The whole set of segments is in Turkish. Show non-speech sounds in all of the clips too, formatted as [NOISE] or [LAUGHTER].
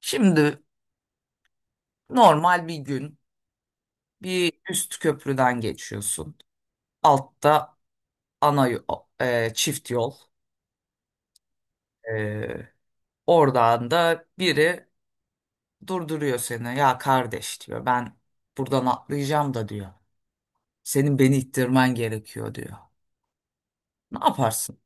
Şimdi normal bir gün bir üst köprüden geçiyorsun. Altta ana yo- çift yol. E, Oradan da biri durduruyor seni. Ya kardeş diyor, ben buradan atlayacağım da diyor. Senin beni ittirmen gerekiyor diyor. Ne yaparsın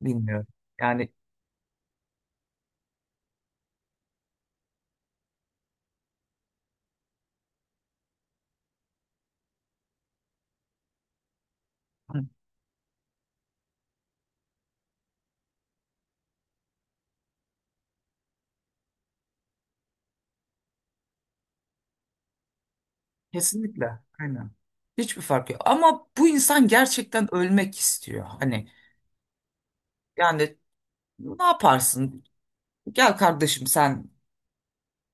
bilmiyorum. Yani hı, kesinlikle aynen. Hiçbir fark yok. Ama bu insan gerçekten ölmek istiyor. Hani yani ne yaparsın? Gel kardeşim, sen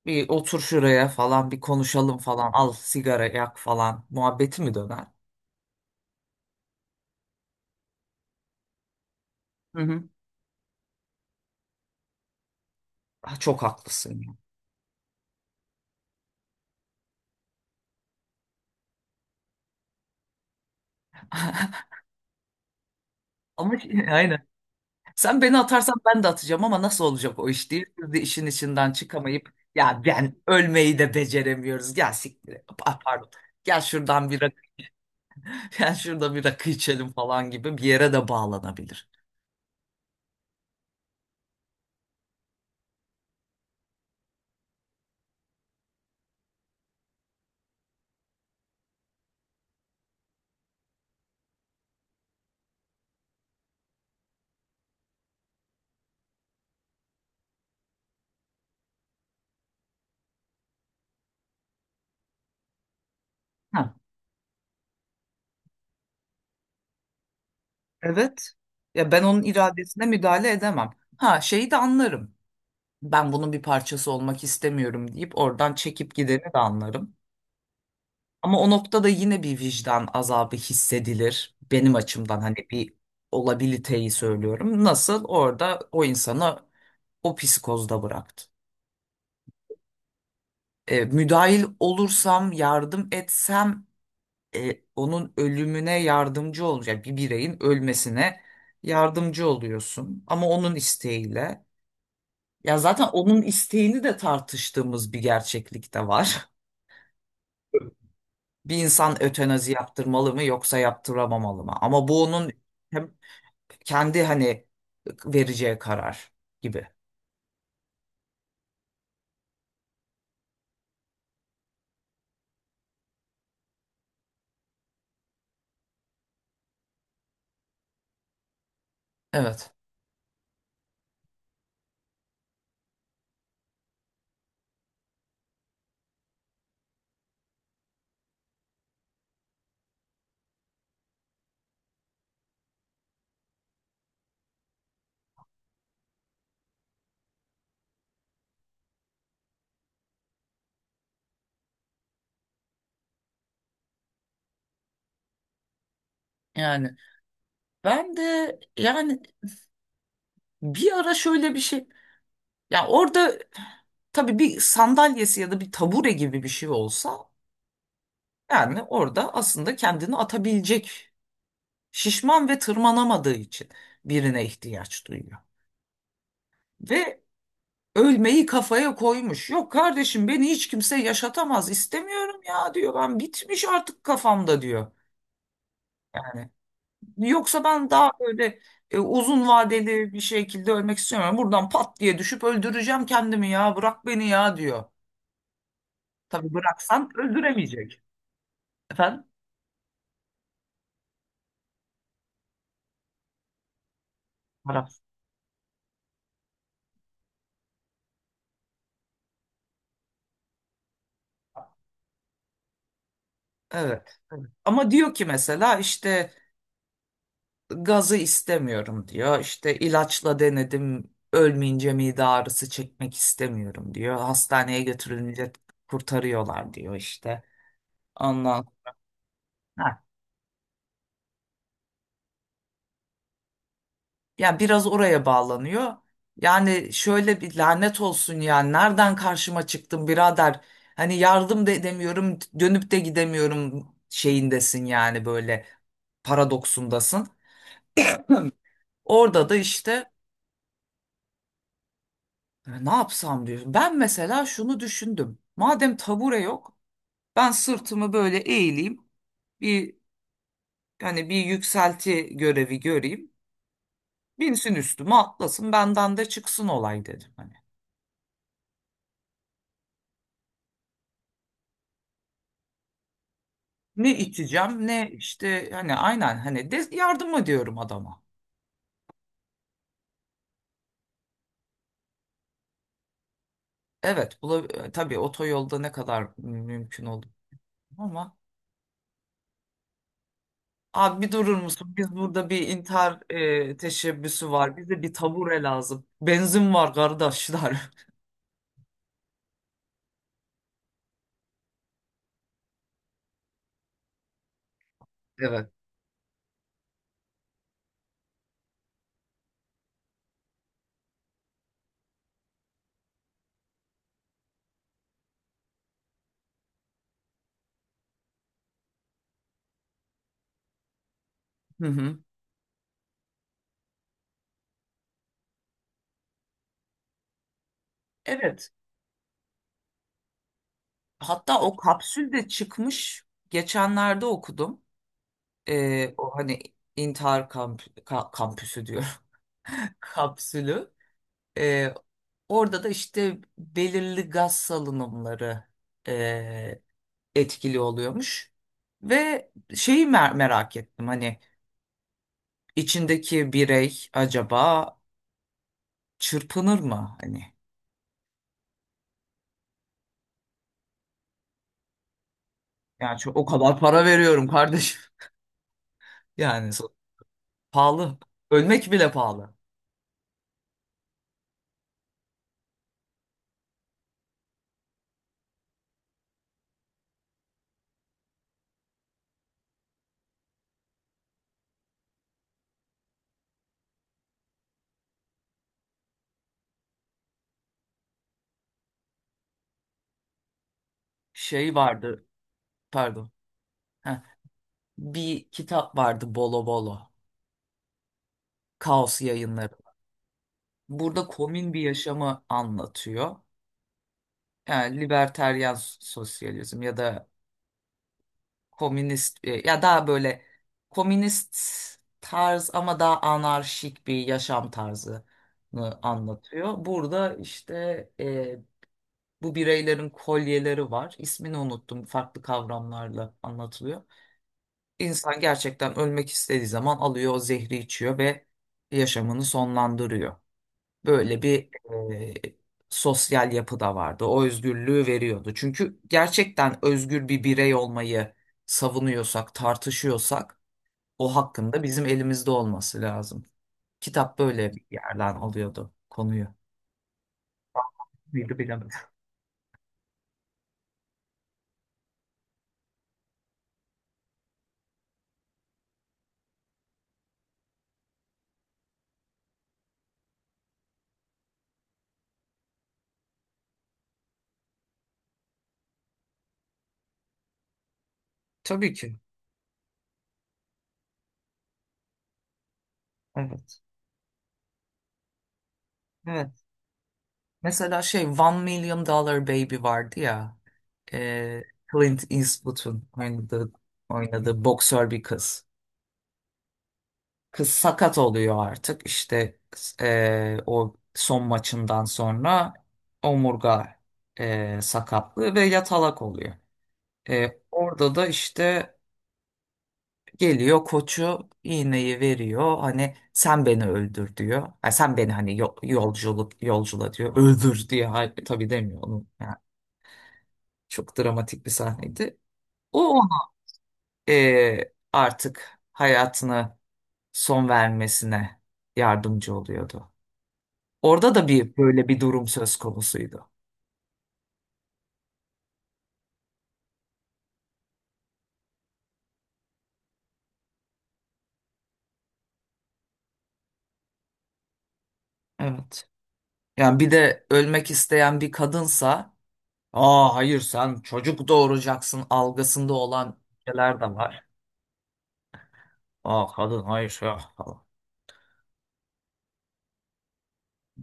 bir otur şuraya falan, bir konuşalım falan, al sigara yak falan muhabbeti mi döner? Hı hı. Ah, çok haklısın ya. [LAUGHS] Ama [LAUGHS] aynen. Sen beni atarsan ben de atacağım, ama nasıl olacak o iş diye. Biz de işin içinden çıkamayıp, ya, ben ölmeyi de beceremiyoruz. Gel siktir et. Pardon. Gel şuradan bir. [LAUGHS] Gel şurada bir rakı içelim falan gibi bir yere de bağlanabilir. Ha, evet. Ya ben onun iradesine müdahale edemem. Ha, şeyi de anlarım. Ben bunun bir parçası olmak istemiyorum deyip oradan çekip gideni de anlarım. Ama o noktada yine bir vicdan azabı hissedilir. Benim açımdan hani bir olabiliteyi söylüyorum. Nasıl orada o insana, o psikozda bıraktı. Müdahil olursam, yardım etsem onun ölümüne yardımcı olacak. Yani bir bireyin ölmesine yardımcı oluyorsun. Ama onun isteğiyle. Ya zaten onun isteğini de tartıştığımız bir gerçeklik de var. [LAUGHS] Bir insan ötenazi yaptırmalı mı yoksa yaptıramamalı mı? Ama bu onun hem kendi hani vereceği karar gibi. Evet. Yani ben de bir ara şöyle bir şey, ya orada tabii bir sandalyesi ya da bir tabure gibi bir şey olsa, yani orada aslında kendini atabilecek, şişman ve tırmanamadığı için birine ihtiyaç duyuyor. Ve ölmeyi kafaya koymuş. Yok kardeşim, beni hiç kimse yaşatamaz, istemiyorum ya diyor, ben bitmiş artık kafamda diyor. Yani yoksa ben daha böyle uzun vadeli bir şekilde ölmek istiyorum. Buradan pat diye düşüp öldüreceğim kendimi, ya bırak beni ya diyor. Tabii bıraksan öldüremeyecek. Efendim? Bırak. Evet, evet. Ama diyor ki mesela işte gazı istemiyorum diyor. İşte ilaçla denedim, ölmeyince mide ağrısı çekmek istemiyorum diyor. Hastaneye götürülünce kurtarıyorlar diyor işte. Ondan, yani biraz oraya bağlanıyor. Yani şöyle bir lanet olsun, yani nereden karşıma çıktın birader? Hani yardım da edemiyorum, dönüp de gidemiyorum şeyindesin, yani böyle paradoksundasın. Orada da işte ne yapsam" diyor. Ben mesela şunu düşündüm: madem tabure yok, ben sırtımı böyle eğileyim. Bir hani bir yükselti görevi göreyim. Binsin üstüme, atlasın, benden de çıksın olay dedim. Hani. Ne içeceğim ne işte, hani aynen, hani de yardım ediyorum adama. Evet, tabii otoyolda ne kadar mümkün olur ama, abi bir durur musun? Biz burada bir intihar teşebbüsü var. Bize bir tabure lazım. Benzin var kardeşler. [LAUGHS] Evet. Hı hı. Evet. Hatta o kapsül de çıkmış. Geçenlerde okudum. O hani intihar kampüsü diyor. [LAUGHS] Kapsülü. E, Orada da işte belirli gaz salınımları e, etkili oluyormuş. Ve şeyi merak ettim, hani içindeki birey acaba çırpınır mı? Hani yani çok, o kadar para veriyorum kardeşim. [LAUGHS] Yani so- Pahalı. Ölmek bile pahalı. Şey vardı, pardon. Heh, bir kitap vardı, Bolo Bolo. Kaos Yayınları. Burada komün bir yaşamı anlatıyor. Yani liberteryan sosyalizm ya da komünist ya daha böyle komünist tarz ama daha anarşik bir yaşam tarzını anlatıyor. Burada işte e, bu bireylerin kolyeleri var. İsmini unuttum. Farklı kavramlarla anlatılıyor. İnsan gerçekten ölmek istediği zaman alıyor, o zehri içiyor ve yaşamını sonlandırıyor. Böyle bir e, sosyal yapı da vardı. O özgürlüğü veriyordu. Çünkü gerçekten özgür bir birey olmayı savunuyorsak, tartışıyorsak, o hakkında bizim elimizde olması lazım. Kitap böyle bir yerden alıyordu konuyu. Miydi bilemedim. Tabii ki. Evet. Evet. Mesela şey, One Million Dollar Baby vardı ya. E, Clint Eastwood'un oynadığı, boksör bir kız. Kız sakat oluyor artık işte o son maçından sonra omurga sakatlığı ve yatalak oluyor. Orada da işte geliyor koçu, iğneyi veriyor, hani sen beni öldür diyor. Ha, sen beni hani yolculuk yolcula diyor [LAUGHS] öldür diye. Hayır, tabii demiyor onu. Yani çok dramatik bir sahneydi. O ona artık hayatını son vermesine yardımcı oluyordu. Orada da bir böyle bir durum söz konusuydu. Evet. Yani bir de ölmek isteyen bir kadınsa, aa hayır sen çocuk doğuracaksın algısında olan şeyler de var. Aa kadın hayır ya falan.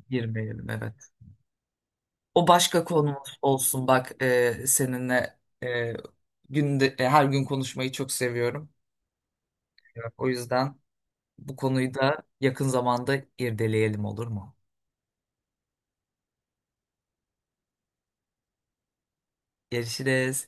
Girmeyelim, evet. O başka konumuz olsun bak, seninle e, her gün konuşmayı çok seviyorum. Evet, o yüzden bu konuyu da yakın zamanda irdeleyelim, olur mu? Görüşürüz.